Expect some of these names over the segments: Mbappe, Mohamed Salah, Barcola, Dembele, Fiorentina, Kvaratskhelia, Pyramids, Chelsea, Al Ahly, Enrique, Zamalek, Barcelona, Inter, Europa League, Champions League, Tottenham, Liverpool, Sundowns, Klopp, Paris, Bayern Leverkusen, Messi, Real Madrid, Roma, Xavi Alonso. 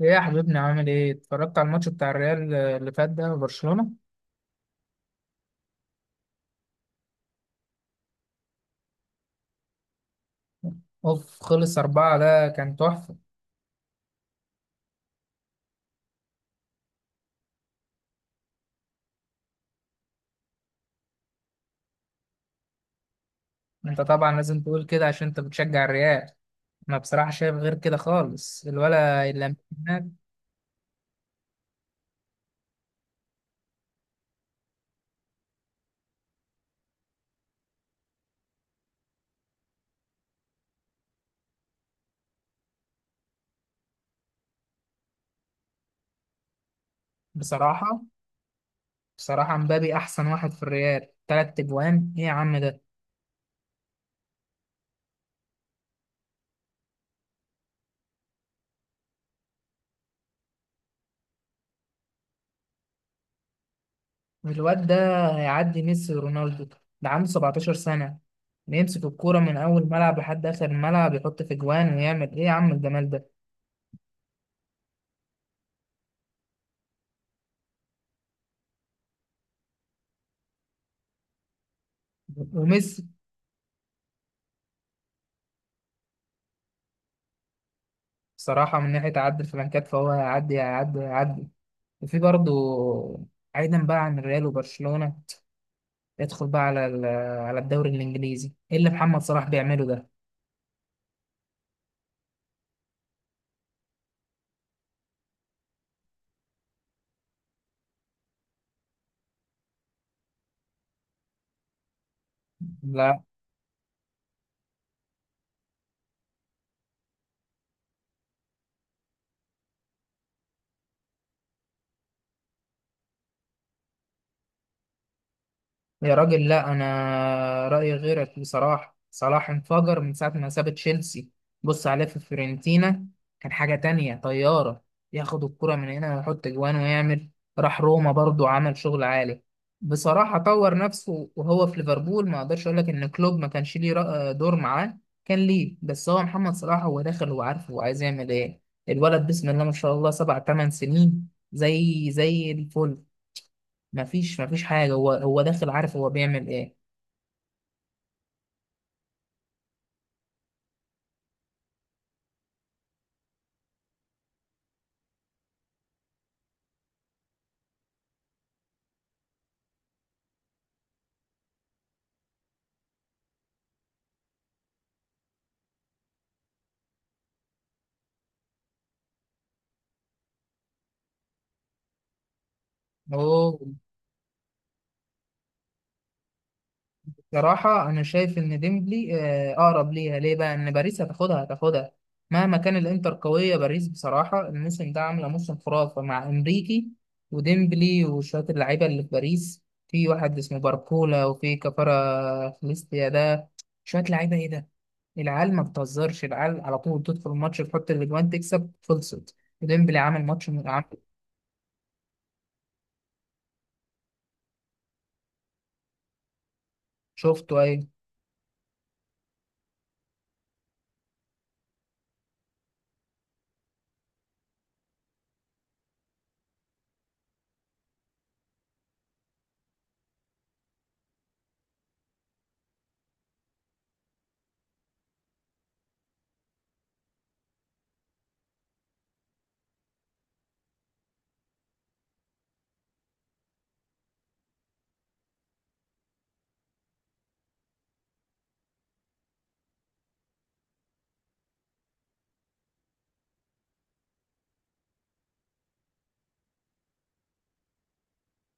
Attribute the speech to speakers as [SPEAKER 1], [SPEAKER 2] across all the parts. [SPEAKER 1] ايه يا حبيبنا؟ عامل ايه؟ اتفرجت على الماتش بتاع الريال اللي فات ده وبرشلونة؟ اوف خلص 4، ده كان تحفة. انت طبعا لازم تقول كده عشان انت بتشجع الريال. انا بصراحة شايف غير كده خالص، الولا اللي هناك بصراحة، بصراحة مبابي احسن واحد في الريال، 3 اجوان، ايه يا عم ده؟ الواد ده هيعدي ميسي ورونالدو، ده عنده 17 سنة، بيمسك الكورة من أول ملعب لحد آخر الملعب يحط في جوان ويعمل، إيه يا عم الجمال ده؟ وميسي صراحة من ناحية عد الفلانكات فهو هيعدي هيعدي. وفي برضه، بعيدا بقى عن الريال وبرشلونة، ادخل بقى على على الدوري الإنجليزي، إيه اللي محمد صلاح بيعمله ده؟ لا يا راجل، لا انا رايي غيرك بصراحه، صلاح انفجر من ساعه ما ساب تشيلسي. بص عليه في فيورنتينا، كان حاجه تانية، طياره، ياخد الكره من هنا ويحط جوان ويعمل. راح روما برضو عمل شغل عالي. بصراحه طور نفسه وهو في ليفربول، ما اقدرش اقول لك ان كلوب ما كانش ليه دور معاه، كان ليه، بس هو محمد صلاح هو داخل وعارف هو عايز يعمل ايه. الولد بسم الله ما شاء الله 7 تمن سنين زي الفل، مفيش حاجة، هو داخل عارف هو بيعمل ايه. هو بصراحة أنا شايف إن ديمبلي، آه، أقرب ليها. ليه بقى إن باريس هتاخدها مهما كان الإنتر قوية. باريس بصراحة الموسم ده عاملة موسم خرافة مع إنريكي وديمبلي وشوية اللعيبة اللي في باريس، في واحد اسمه باركولا وفي كفارة خليستيا ده، شوية لعيبة، إيه ده؟ العيال ما بتهزرش، العيال على طول تدخل الماتش تحط الأجوان تكسب خلصت. وديمبلي عامل ماتش عامل. شفته أيه؟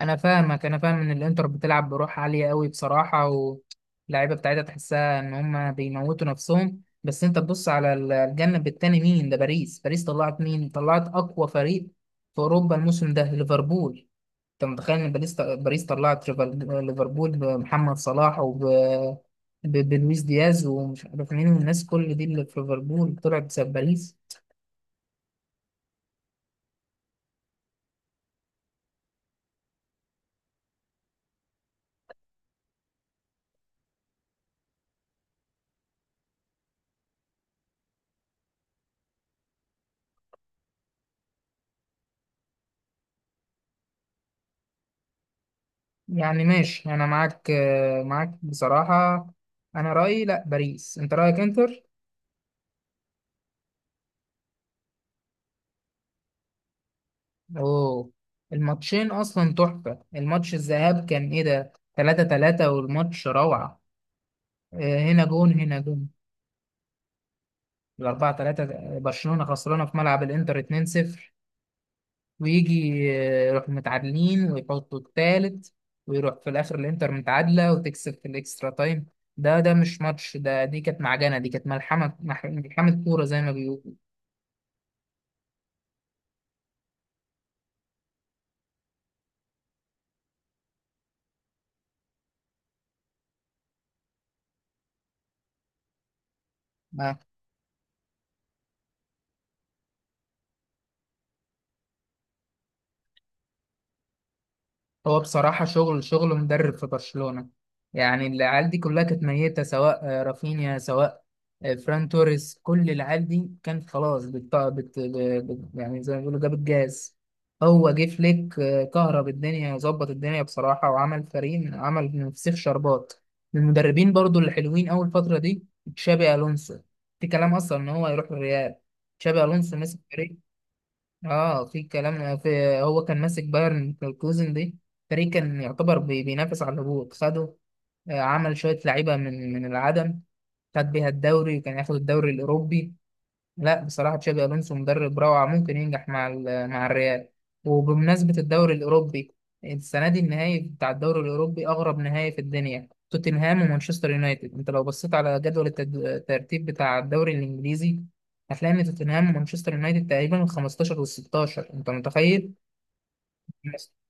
[SPEAKER 1] انا فاهمك، انا فاهم ان الانتر بتلعب بروح عاليه قوي بصراحه، واللعيبه بتاعتها تحسها ان هم بيموتوا نفسهم، بس انت تبص على الجنب التاني، مين ده؟ باريس طلعت، مين؟ طلعت اقوى فريق في اوروبا الموسم ده، ليفربول. انت متخيل ان باريس طلعت ليفربول بمحمد صلاح بلويس دياز ومش عارف مين، الناس كل دي اللي في ليفربول طلعت بسبب باريس. يعني ماشي، انا معاك، آه، معاك بصراحه. انا رايي لا، باريس، انت رايك انتر. اوه، الماتشين اصلا تحفة، الماتش الذهاب كان ايه ده؟ 3 3، والماتش روعة، آه، هنا جون هنا جون. 4 3، برشلونة خسرانة في ملعب الإنتر 2 0، ويجي، آه، يروح متعادلين ويحطوا التالت، ويروح في الآخر الإنتر متعادلة وتكسب في الإكسترا تايم. ده مش ماتش ده، دي كانت معجنة، دي كانت ملحمة، ملحمة كورة زي ما بيقولوا. هو بصراحة شغل، شغل مدرب في برشلونة، يعني العيال دي كلها كانت ميتة، سواء آه، رافينيا، سواء آه، فران توريس، كل العيال دي كانت خلاص، يعني زي ما بيقولوا جابت جاز. هو جه فليك، آه، كهرب الدنيا وظبط الدنيا بصراحة، وعمل فريق، عمل من فسيخ شربات. من المدربين برضو اللي حلوين أول فترة دي تشابي ألونسو، في كلام أصلا إن هو يروح الريال، تشابي ألونسو مسك فريق، اه في كلام، في، هو كان ماسك بايرن ليفركوزن دي، فريق كان يعتبر بينافس على الهبوط، خده، آه، عمل شوية لعيبة من العدم، خد بيها الدوري وكان ياخد الدوري الأوروبي. لا بصراحة تشابي ألونسو مدرب روعة، ممكن ينجح مع مع الريال. وبمناسبة الدوري الأوروبي، السنة دي النهائي بتاع الدوري الأوروبي أغرب نهائي في الدنيا، توتنهام ومانشستر يونايتد. أنت لو بصيت على جدول الترتيب بتاع الدوري الإنجليزي، هتلاقي إن توتنهام ومانشستر يونايتد تقريبا ال 15 وال 16، أنت متخيل؟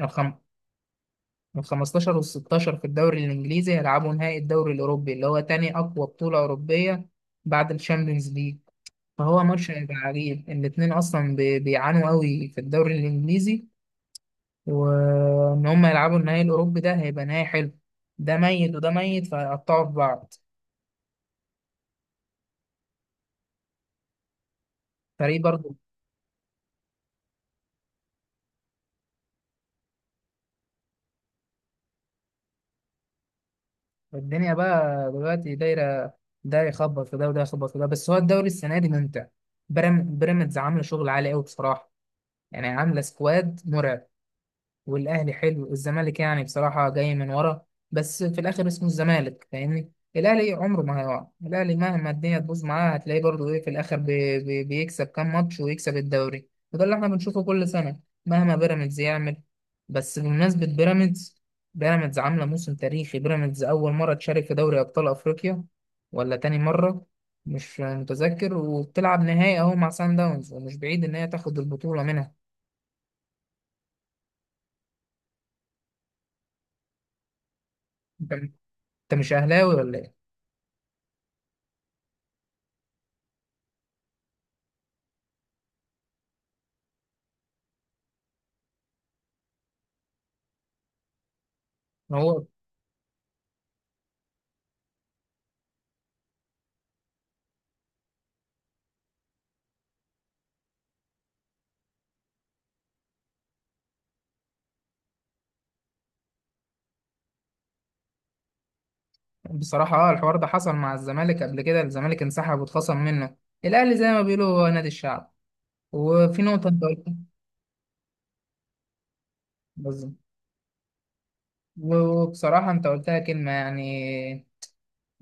[SPEAKER 1] الخم... ال 15 وال 16 في الدوري الإنجليزي هيلعبوا نهائي الدوري الأوروبي، اللي هو تاني أقوى بطولة أوروبية بعد الشامبيونز ليج. فهو ماتش هيبقى عجيب، الاتنين اصلا بيعانوا قوي في الدوري الانجليزي، وان هم يلعبوا النهائي الاوروبي ده هيبقى نهائي حلو، ده ميت وده ميت، فهيقطعوا في بعض. فريق برضه. الدنيا بقى دلوقتي دايره، ده يخبط في ده وده يخبط في ده، بس هو الدوري السنه دي ممتع. بيراميدز عامله شغل عالي قوي بصراحه، يعني عامله سكواد مرعب، والاهلي حلو، الزمالك يعني بصراحه جاي من ورا، بس في الاخر اسمه الزمالك فاهمني، الاهلي عمره ما هيقع، الاهلي مهما الدنيا تبوظ معاه هتلاقيه برضه ايه في الاخر بي بيكسب كام ماتش ويكسب الدوري، وده اللي احنا بنشوفه كل سنه مهما بيراميدز يعمل. بس بمناسبه بيراميدز، بيراميدز عامله موسم تاريخي، بيراميدز اول مره تشارك في دوري ابطال افريقيا ولا تاني مره، مش متذكر، وبتلعب نهائي اهو مع سان داونز، ومش بعيد ان هي تاخد البطوله منها. انت، أنت مش اهلاوي ولا ايه؟ هو بصراحة اه الحوار ده حصل مع الزمالك قبل كده، الزمالك انسحب واتخصم منه. الأهلي زي ما بيقولوا هو نادي الشعب، وفي نقطة أنت قلتها. بالظبط، وبصراحة أنت قلتها كلمة يعني،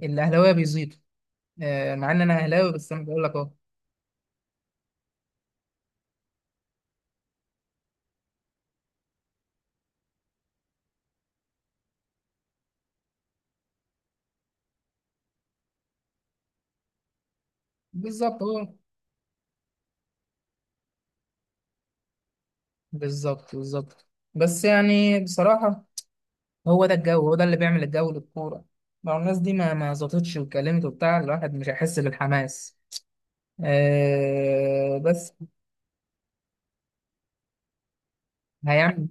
[SPEAKER 1] الأهلاوية بيزيدوا، آه، مع إن أنا أهلاوي بس أنا بقول لك أهو. بالظبط أهو. بالظبط بالظبط. بس يعني بصراحة هو ده الجو، هو ده اللي بيعمل الجو للكورة، لو الناس دي ما زطتش واتكلمت وبتاع، الواحد مش هيحس بالحماس، آه، بس هيعمل.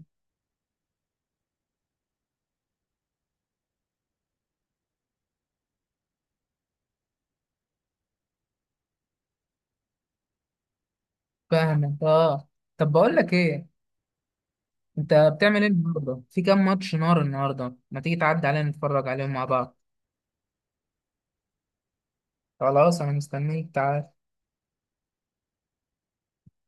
[SPEAKER 1] فاهمك، اه. طب بقول لك ايه، انت بتعمل ايه النهارده؟ في كام ماتش نار النهارده، ما تيجي تعدي علينا نتفرج عليهم مع بعض. خلاص انا مستنيك، تعال.